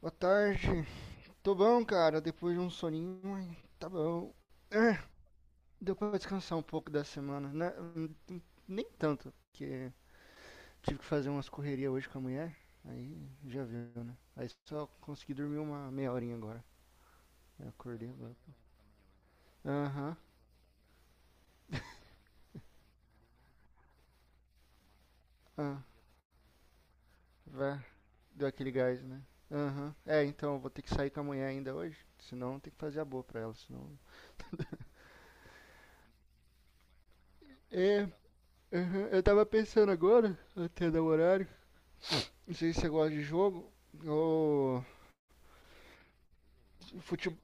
Boa tarde. Tô bom, cara. Depois de um soninho, mas tá bom. É, deu pra descansar um pouco da semana, né? Hum, nem tanto, porque tive que fazer umas correrias hoje com a mulher. Aí já viu, né? Aí só consegui dormir uma meia horinha agora. Eu acordei agora. Aham, ah, vai. Deu aquele gás, né? Aham. É, então eu vou ter que sair com a mulher ainda hoje. Senão tem que fazer a boa pra ela, senão. É, aham, eu tava pensando agora, até dar o horário. Não sei se você gosta de jogo. O futebol.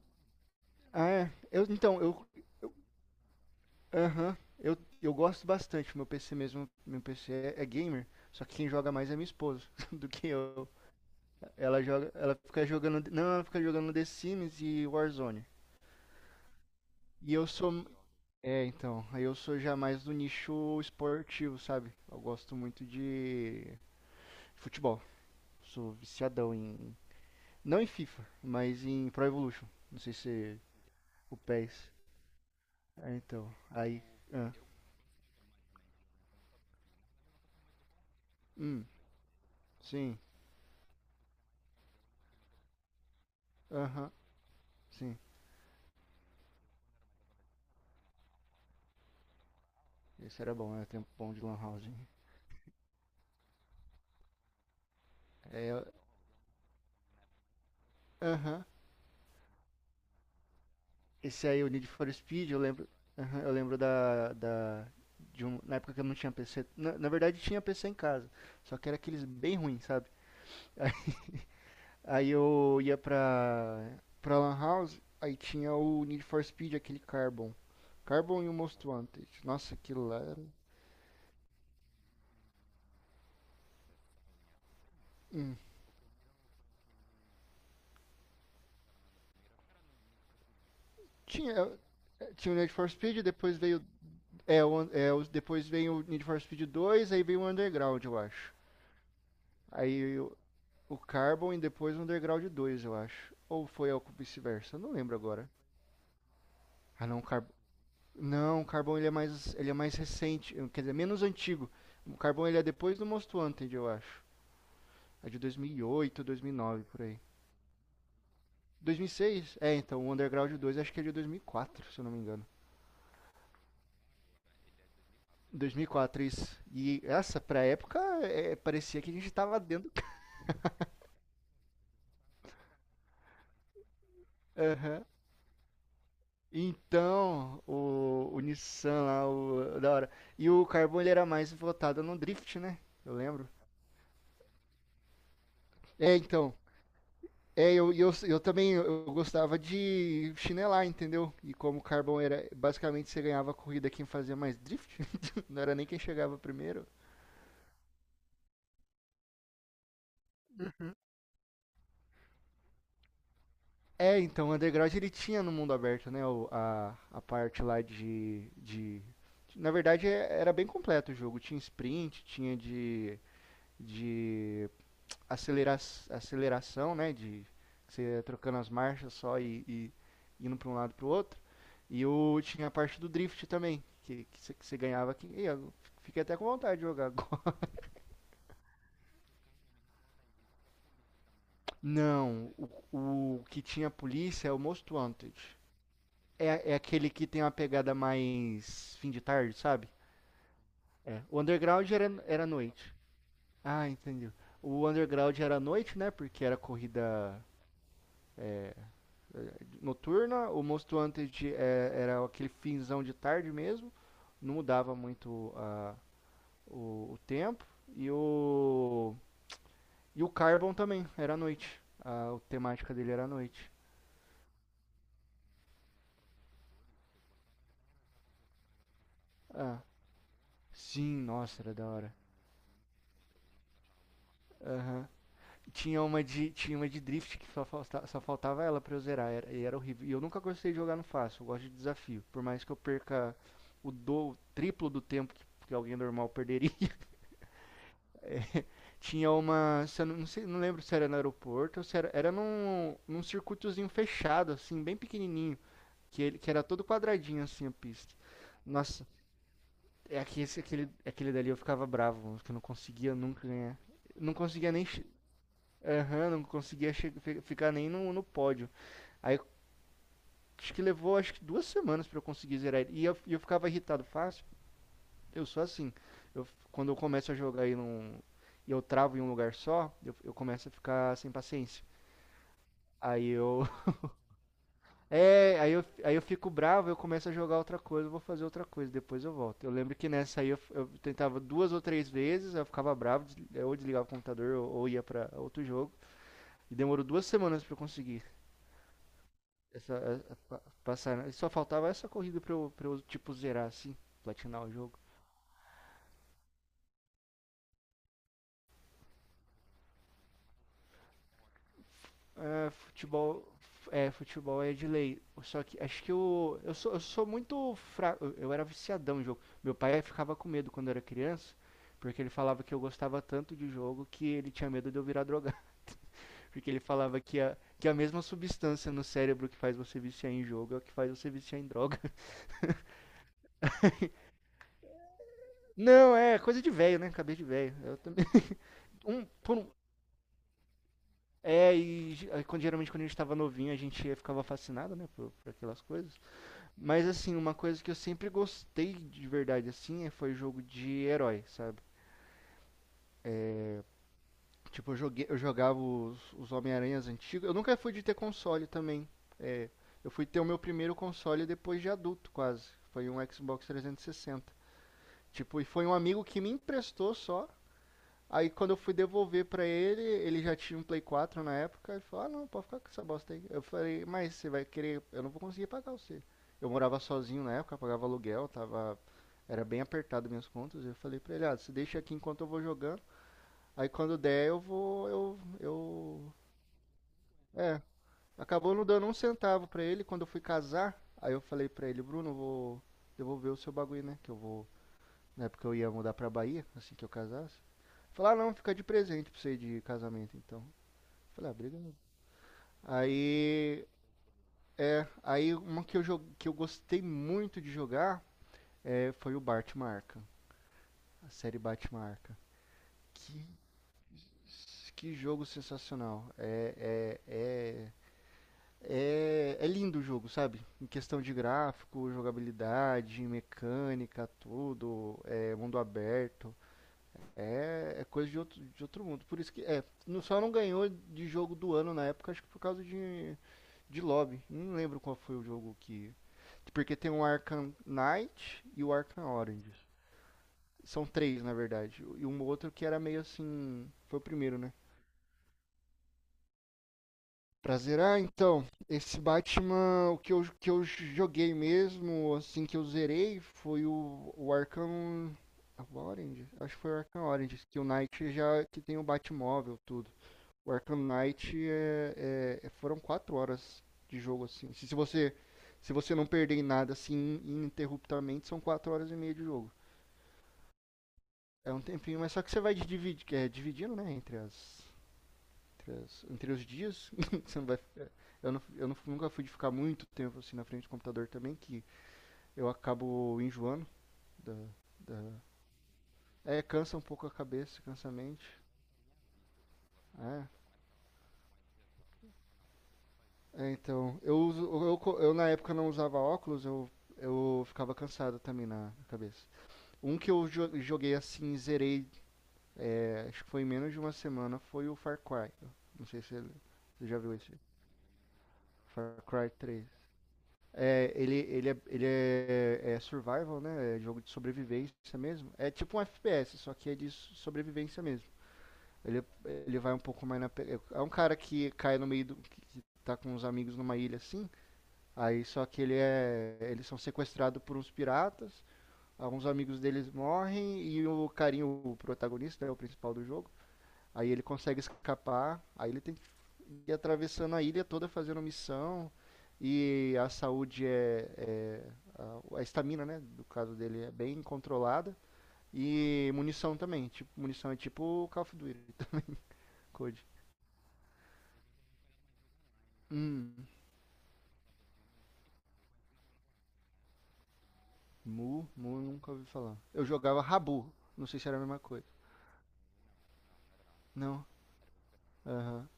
Ah, é. Eu, então, eu. Eu- Aham. Eu gosto bastante. Meu PC mesmo. Meu PC é gamer. Só que quem joga mais é minha esposa do que eu. Ela joga. Ela fica jogando. Não, ela fica jogando The Sims e Warzone. E eu sou. É, então. Aí eu sou já mais do nicho esportivo, sabe? Eu gosto muito de futebol. Sou viciadão em. Não em FIFA, mas em Pro Evolution. Não sei se o PES. É, então, aí. Ah, hum, sim, aham, sim. Esse era bom, era tempo bom de Lan House, hein? É, aham. Esse aí, o Need for Speed, eu lembro. Aham, eu lembro da. De um, na época que eu não tinha PC. Na verdade, tinha PC em casa. Só que era aqueles bem ruins, sabe? Aí eu ia pra. Pra Lan House, aí tinha o Need for Speed, aquele Carbon. Carbon e o Most Wanted. Nossa, aquilo lá era. Hum. Tinha, tinha o Need for Speed, depois veio. É, o, é, os- depois vem o Need for Speed 2, aí vem o Underground, eu acho. Aí o Carbon e depois o Underground dois, eu acho. Ou foi ao vice-versa, não lembro agora. Ah, não, o Carbon. Não, o Carbon ele é mais, ele é mais recente, quer dizer, menos antigo. O Carbon ele é depois do Most Wanted, eu acho. É de 2008, 2009 por aí. 2006? É, então o Underground dois acho que é de 2004, se eu não me engano. 2004 isso. E essa pra época é, parecia que a gente tava dentro. Aham. Uhum. Então, o Nissan lá, o, da hora. E o Carbon ele era mais votado no drift, né? Eu lembro. É, então. É, eu também eu gostava de chinelar, entendeu? E como o Carbon era, basicamente você ganhava a corrida quem fazia mais drift, não era nem quem chegava primeiro. É, então, o Underground ele tinha no mundo aberto, né? O- a parte lá de. Na verdade, é- era bem completo o jogo. Tinha sprint, tinha de. de acelera aceleração, né? De você trocando as marchas só e indo para um lado para o outro. E eu tinha a parte do drift também, que você ganhava aqui. E eu fiquei até com vontade de jogar agora. Não, o que tinha polícia é o Most Wanted. É, é aquele que tem uma pegada mais fim de tarde, sabe? É. O Underground era, era noite. Ah, entendi. O Underground era à noite, né? Porque era corrida noturna, o Monstro Hunter é, era aquele finzão de tarde mesmo, não mudava muito a, o, tempo, e o, e o Carbon também, era à noite, a temática dele era à noite. Ah, sim, nossa, era da hora. Aham. Tinha uma de, tinha uma de drift que só, falta, só faltava ela para eu zerar, era, e era horrível. E eu nunca gostei de jogar no fácil, eu gosto de desafio, por mais que eu perca o do o triplo do tempo que alguém normal perderia. Tinha uma. Se eu não, não sei, não lembro se era no aeroporto ou se era. Era num, num circuitozinho fechado, assim, bem pequenininho. Que, ele, que era todo quadradinho, assim, a pista. Nossa, é aqui, esse, aquele, aquele dali eu ficava bravo, que eu não conseguia nunca ganhar. Não conseguia nem. Che- aham, não conseguia che- fi- ficar nem no, no pódio. Aí acho que levou, acho que duas semanas pra eu conseguir zerar ele. E eu ficava irritado fácil. Eu sou assim. Eu, quando eu começo a jogar e, não, e eu travo em um lugar só, eu começo a ficar sem paciência. Aí eu. É, aí eu fico bravo, eu começo a jogar outra coisa, eu vou fazer outra coisa, depois eu volto. Eu lembro que nessa aí eu tentava duas ou três vezes, aí eu ficava bravo, des- eu ou desligava o computador ou ia pra outro jogo. E demorou duas semanas pra eu conseguir essa, a- pa- passar. E só faltava essa corrida pra eu, tipo, zerar assim, platinar o jogo. É, futebol, é, futebol é de lei. Só que acho que eu sou muito fraco. Eu era viciadão em jogo. Meu pai ficava com medo quando eu era criança, porque ele falava que eu gostava tanto de jogo que ele tinha medo de eu virar drogado. Porque ele falava que a mesma substância no cérebro que faz você viciar em jogo é o que faz você viciar em droga. Não, é coisa de velho, né? Cabeça de velho. Eu também. Um, por um, é, e ge- aí, quando, geralmente quando a gente tava novinho, a gente ficava fascinado, né, por aquelas coisas. Mas assim, uma coisa que eu sempre gostei de verdade assim é- foi jogo de herói, sabe? Tipo, eu joguei, eu jogava os Homem-Aranhas antigos. Eu nunca fui de ter console também. É, eu fui ter o meu primeiro console depois de adulto, quase. Foi um Xbox 360. Tipo, e foi um amigo que me emprestou só. Aí quando eu fui devolver pra ele, ele já tinha um Play 4 na época, ele falou, ah não, pode ficar com essa bosta aí. Eu falei, mas você vai querer, eu não vou conseguir pagar você. Eu morava sozinho na época, pagava aluguel, tava. Era bem apertado minhas contas. Eu falei pra ele, ah, você deixa aqui enquanto eu vou jogando. Aí quando der eu vou. Eu. Eu. É. Acabou não dando um centavo pra ele. Quando eu fui casar, aí eu falei pra ele, Bruno, eu vou devolver o seu bagulho, né? Que eu vou, na época eu ia mudar pra Bahia, assim que eu casasse. Falar, ah, não, fica de presente pra você de casamento, então. Falei, ah, obrigado. Aí, é, aí uma que eu, jo- que eu gostei muito de jogar é, foi o Batman Arkham, a série Batman Arkham. Que, que jogo sensacional. É lindo o jogo, sabe? Em questão de gráfico, jogabilidade, mecânica, tudo, é, mundo aberto. É, é coisa de outro mundo. Por isso que. É, não- só não ganhou de jogo do ano na época, acho que por causa de lobby. Não lembro qual foi o jogo que. Porque tem o Arkham Knight e o Arkham Origins. São três, na verdade. E um outro que era meio assim. Foi o primeiro, né? Pra zerar, então, esse Batman, o que eu joguei mesmo, assim, que eu zerei, foi o Arkham Orange. Acho que foi o Arkham Orange, que o Knight já que tem o Batmóvel, tudo. O Arkham Knight é, é- é, foram quatro horas de jogo, assim. Se você, se você não perder em nada, assim, ininterruptamente, são quatro horas e meia de jogo. É um tempinho, mas só que você vai dividir, é, dividindo, né, entre as, entre, as- entre os dias. Você não vai, eu não- nunca fui de ficar muito tempo, assim, na frente do computador também, que eu acabo enjoando da... Da- é, cansa um pouco a cabeça, cansa a mente. É. É, então, eu uso, eu na época não usava óculos, eu ficava cansado também na na cabeça. Um que eu jo- joguei assim, zerei, é, acho que foi em menos de uma semana, foi o Far Cry. Não sei se ele- você já viu esse. Far Cry três. É, ele, ele é, é survival, né? É jogo de sobrevivência mesmo. É tipo um FPS, só que é de so- sobrevivência mesmo. Ele, ele vai um pouco mais na. Pe- é um cara que cai no meio do. Que tá com os amigos numa ilha assim. Aí só que ele é, eles são sequestrados por uns piratas, alguns amigos deles morrem e o carinho, o protagonista, é o principal do jogo. Aí ele consegue escapar, aí ele tem que ir atravessando a ilha toda fazendo missão e a saúde é, é a estamina, né, do caso dele é bem controlada e munição também, tipo, munição é tipo o Call of Duty, Code. Hum, Mu eu nunca ouvi falar. Eu jogava Rabu, não sei se era a mesma coisa. Não. Aham.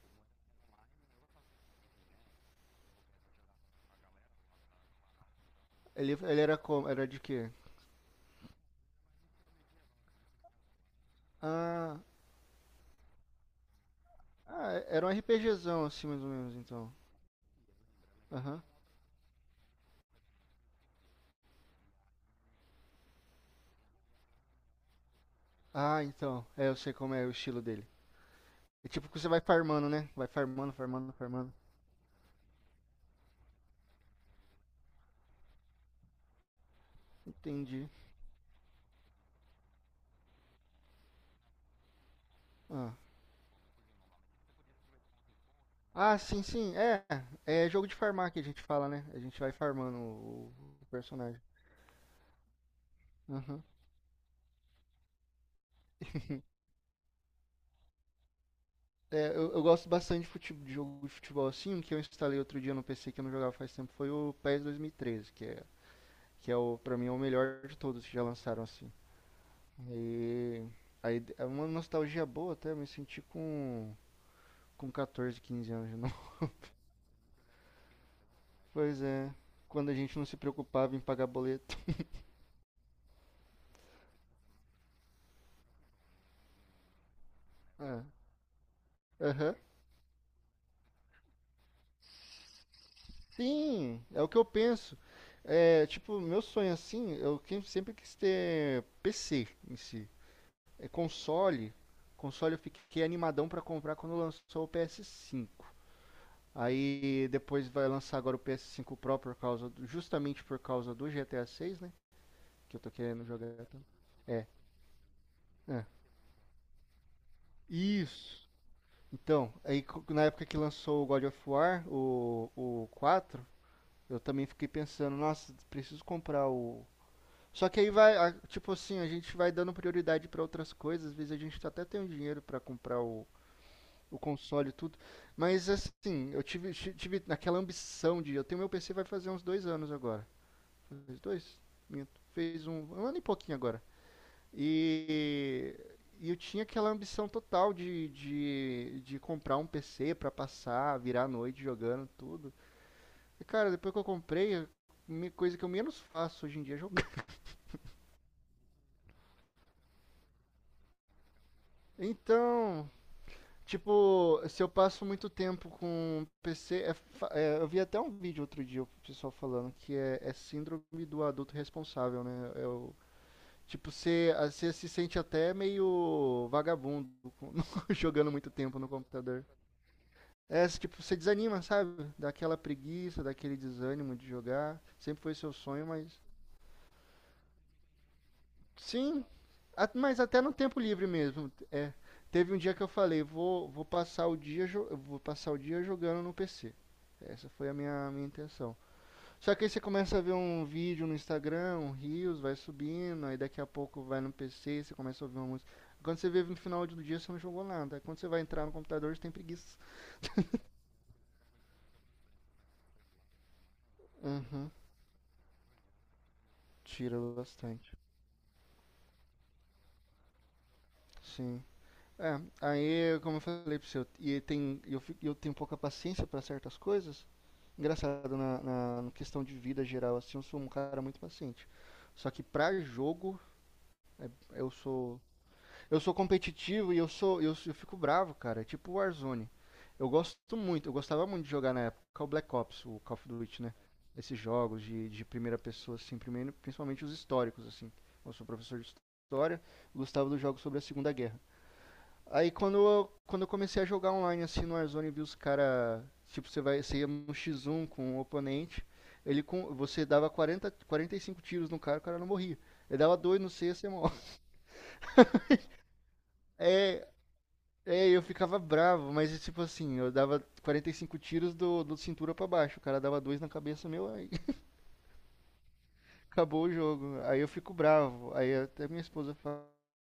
Ele era como? Era de quê? Ah, ah, era um RPGzão assim, mais ou menos, então. Aham. Ah, então. É, eu sei como é o estilo dele. É tipo que você vai farmando, né? Vai farmando, farmando, farmando. Entendi. Ah, ah, sim, sim. É, é jogo de farmar que a gente fala, né? A gente vai o personagem. Aham. É, eu gosto bastante de, de jogo de futebol assim. Um que eu instalei outro dia no PC que eu não jogava faz tempo foi o PES 2013, que é o, pra mim, é o melhor de todos que já lançaram assim. E aí é uma nostalgia boa até, eu me senti com 14, 15 anos de novo. Pois é, quando a gente não se preocupava em pagar boleto. Ah. Aham. Sim, é o que eu penso. É, tipo, meu sonho assim, sempre quis ter PC em si. É console. Console eu fiquei animadão pra comprar quando lançou o ps cinco. Aí depois vai lançar agora o ps cinco Pro por causa justamente por causa do GTA seis, né? Que eu tô querendo jogar também. É. É. Isso. Então, na época que lançou o God of War, o quatro, eu também fiquei pensando, nossa, preciso comprar o. Só que aí vai, tipo assim, a gente vai dando prioridade pra outras coisas, às vezes a gente até tem o dinheiro pra o console e tudo. Mas assim, tive aquela ambição de. Eu tenho meu PC vai fazer uns dois anos agora. Fez dois? Minto. Fez um ano e pouquinho agora. E, e eu tinha aquela ambição total de comprar um PC pra passar, virar a noite jogando tudo. E cara, depois que eu comprei, coisa que eu menos faço hoje em dia é jogar. Então, tipo, se eu passo muito tempo com PC, é eu vi até um vídeo outro dia o pessoal falando que é síndrome do adulto responsável, né? Tipo, você se sente até meio vagabundo com- jogando muito tempo no computador. É, tipo, você desanima, sabe? Daquela preguiça, daquele desânimo de jogar. Sempre foi seu sonho, mas. Sim, mas até no tempo livre mesmo. É, teve um dia que eu falei, vou passar o dia, eu vou passar o dia jogando no PC. Essa foi a minha intenção. Só que aí você começa a ver um vídeo no Instagram, um Reels, vai subindo, aí daqui a pouco vai no PC, você começa a ouvir uma música. Quando você vê no final do dia, você não jogou nada. Aí quando você vai entrar no computador, você tem preguiça. Uhum, tira bastante. Sim. É, aí, como eu falei pra você, e tem, eu tenho pouca paciência pra certas coisas. Engraçado, na questão de vida geral, assim, eu sou um cara muito paciente. Só que pra jogo, é- eu sou, eu sou competitivo e eu sou, eu fico bravo, cara. É tipo Warzone. Eu gosto muito, eu gostava muito de jogar na época o Black Ops, o Call of Duty, né? Esses jogos de primeira pessoa, assim, primeiro, principalmente os históricos, assim. Eu sou professor de história, gostava dos jogos sobre a Segunda Guerra. Aí quando eu comecei a jogar online assim no Warzone, eu vi os cara, tipo, você ia no X1 com o oponente, você dava 40, 45 tiros no cara, o cara não morria. Ele dava dois no C, você morre. É, eu ficava bravo, mas tipo assim, eu dava 45 tiros do cintura pra baixo, o cara dava dois na cabeça meu, aí acabou o jogo. Aí eu fico bravo. Aí até minha esposa fala: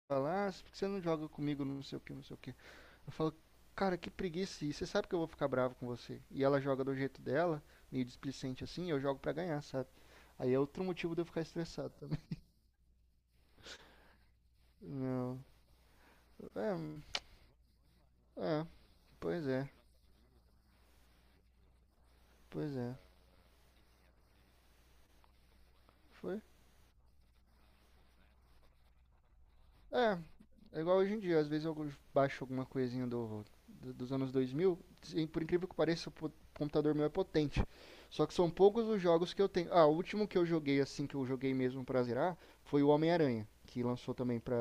"Ah, por que você não joga comigo, não sei o que, não sei o que". Eu falo, cara, que preguiça. E você sabe que eu vou ficar bravo com você. E ela joga do jeito dela, meio displicente assim, e eu jogo pra ganhar, sabe? Aí é outro motivo de eu ficar estressado também. Não. É, é, pois é, pois é. Foi? É, é igual hoje em dia. Às vezes eu baixo alguma coisinha dos anos 2000. E por incrível que pareça, computador meu é potente. Só que são poucos os jogos que eu tenho. Ah, o último que eu joguei, assim, que eu joguei mesmo pra zerar, foi o Homem-Aranha, que lançou também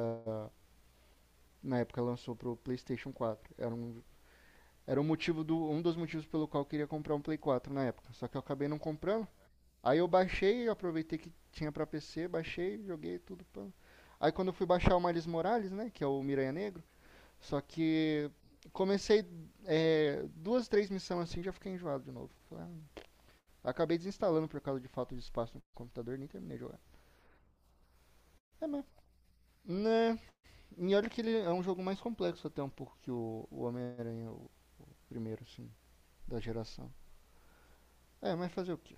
na época lançou pro PlayStation quatro. Era um motivo do, um dos motivos pelo qual eu queria comprar um Play 4 na época. Só que eu acabei não comprando. Aí eu baixei, aproveitei que tinha pra PC, baixei, joguei tudo. Pá. Aí quando eu fui baixar o Miles Morales, né, que é o Miranha Negro, só que comecei é, duas, três missões assim já fiquei enjoado de novo. Falei, ah, acabei desinstalando por causa de falta de espaço no computador, nem terminei de jogar. É mesmo. Né? E olha que ele é um jogo mais complexo até um pouco que o Homem-Aranha, o primeiro, assim. Da geração. É, mas fazer o quê?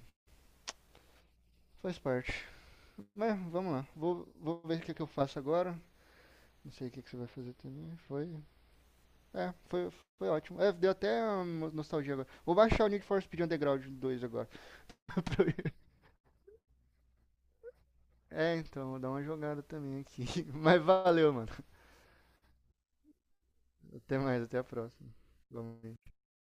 Faz parte. Mas vamos lá. Vou, vou ver o que, é que eu faço agora. Não sei o que, é que você vai fazer também. Foi. É, foi, foi ótimo. É, deu até nostalgia agora. Vou baixar o Need for Speed Underground dois agora. É, então, vou dar uma jogada também aqui. Mas valeu, mano. Até mais, até a próxima. Vamos.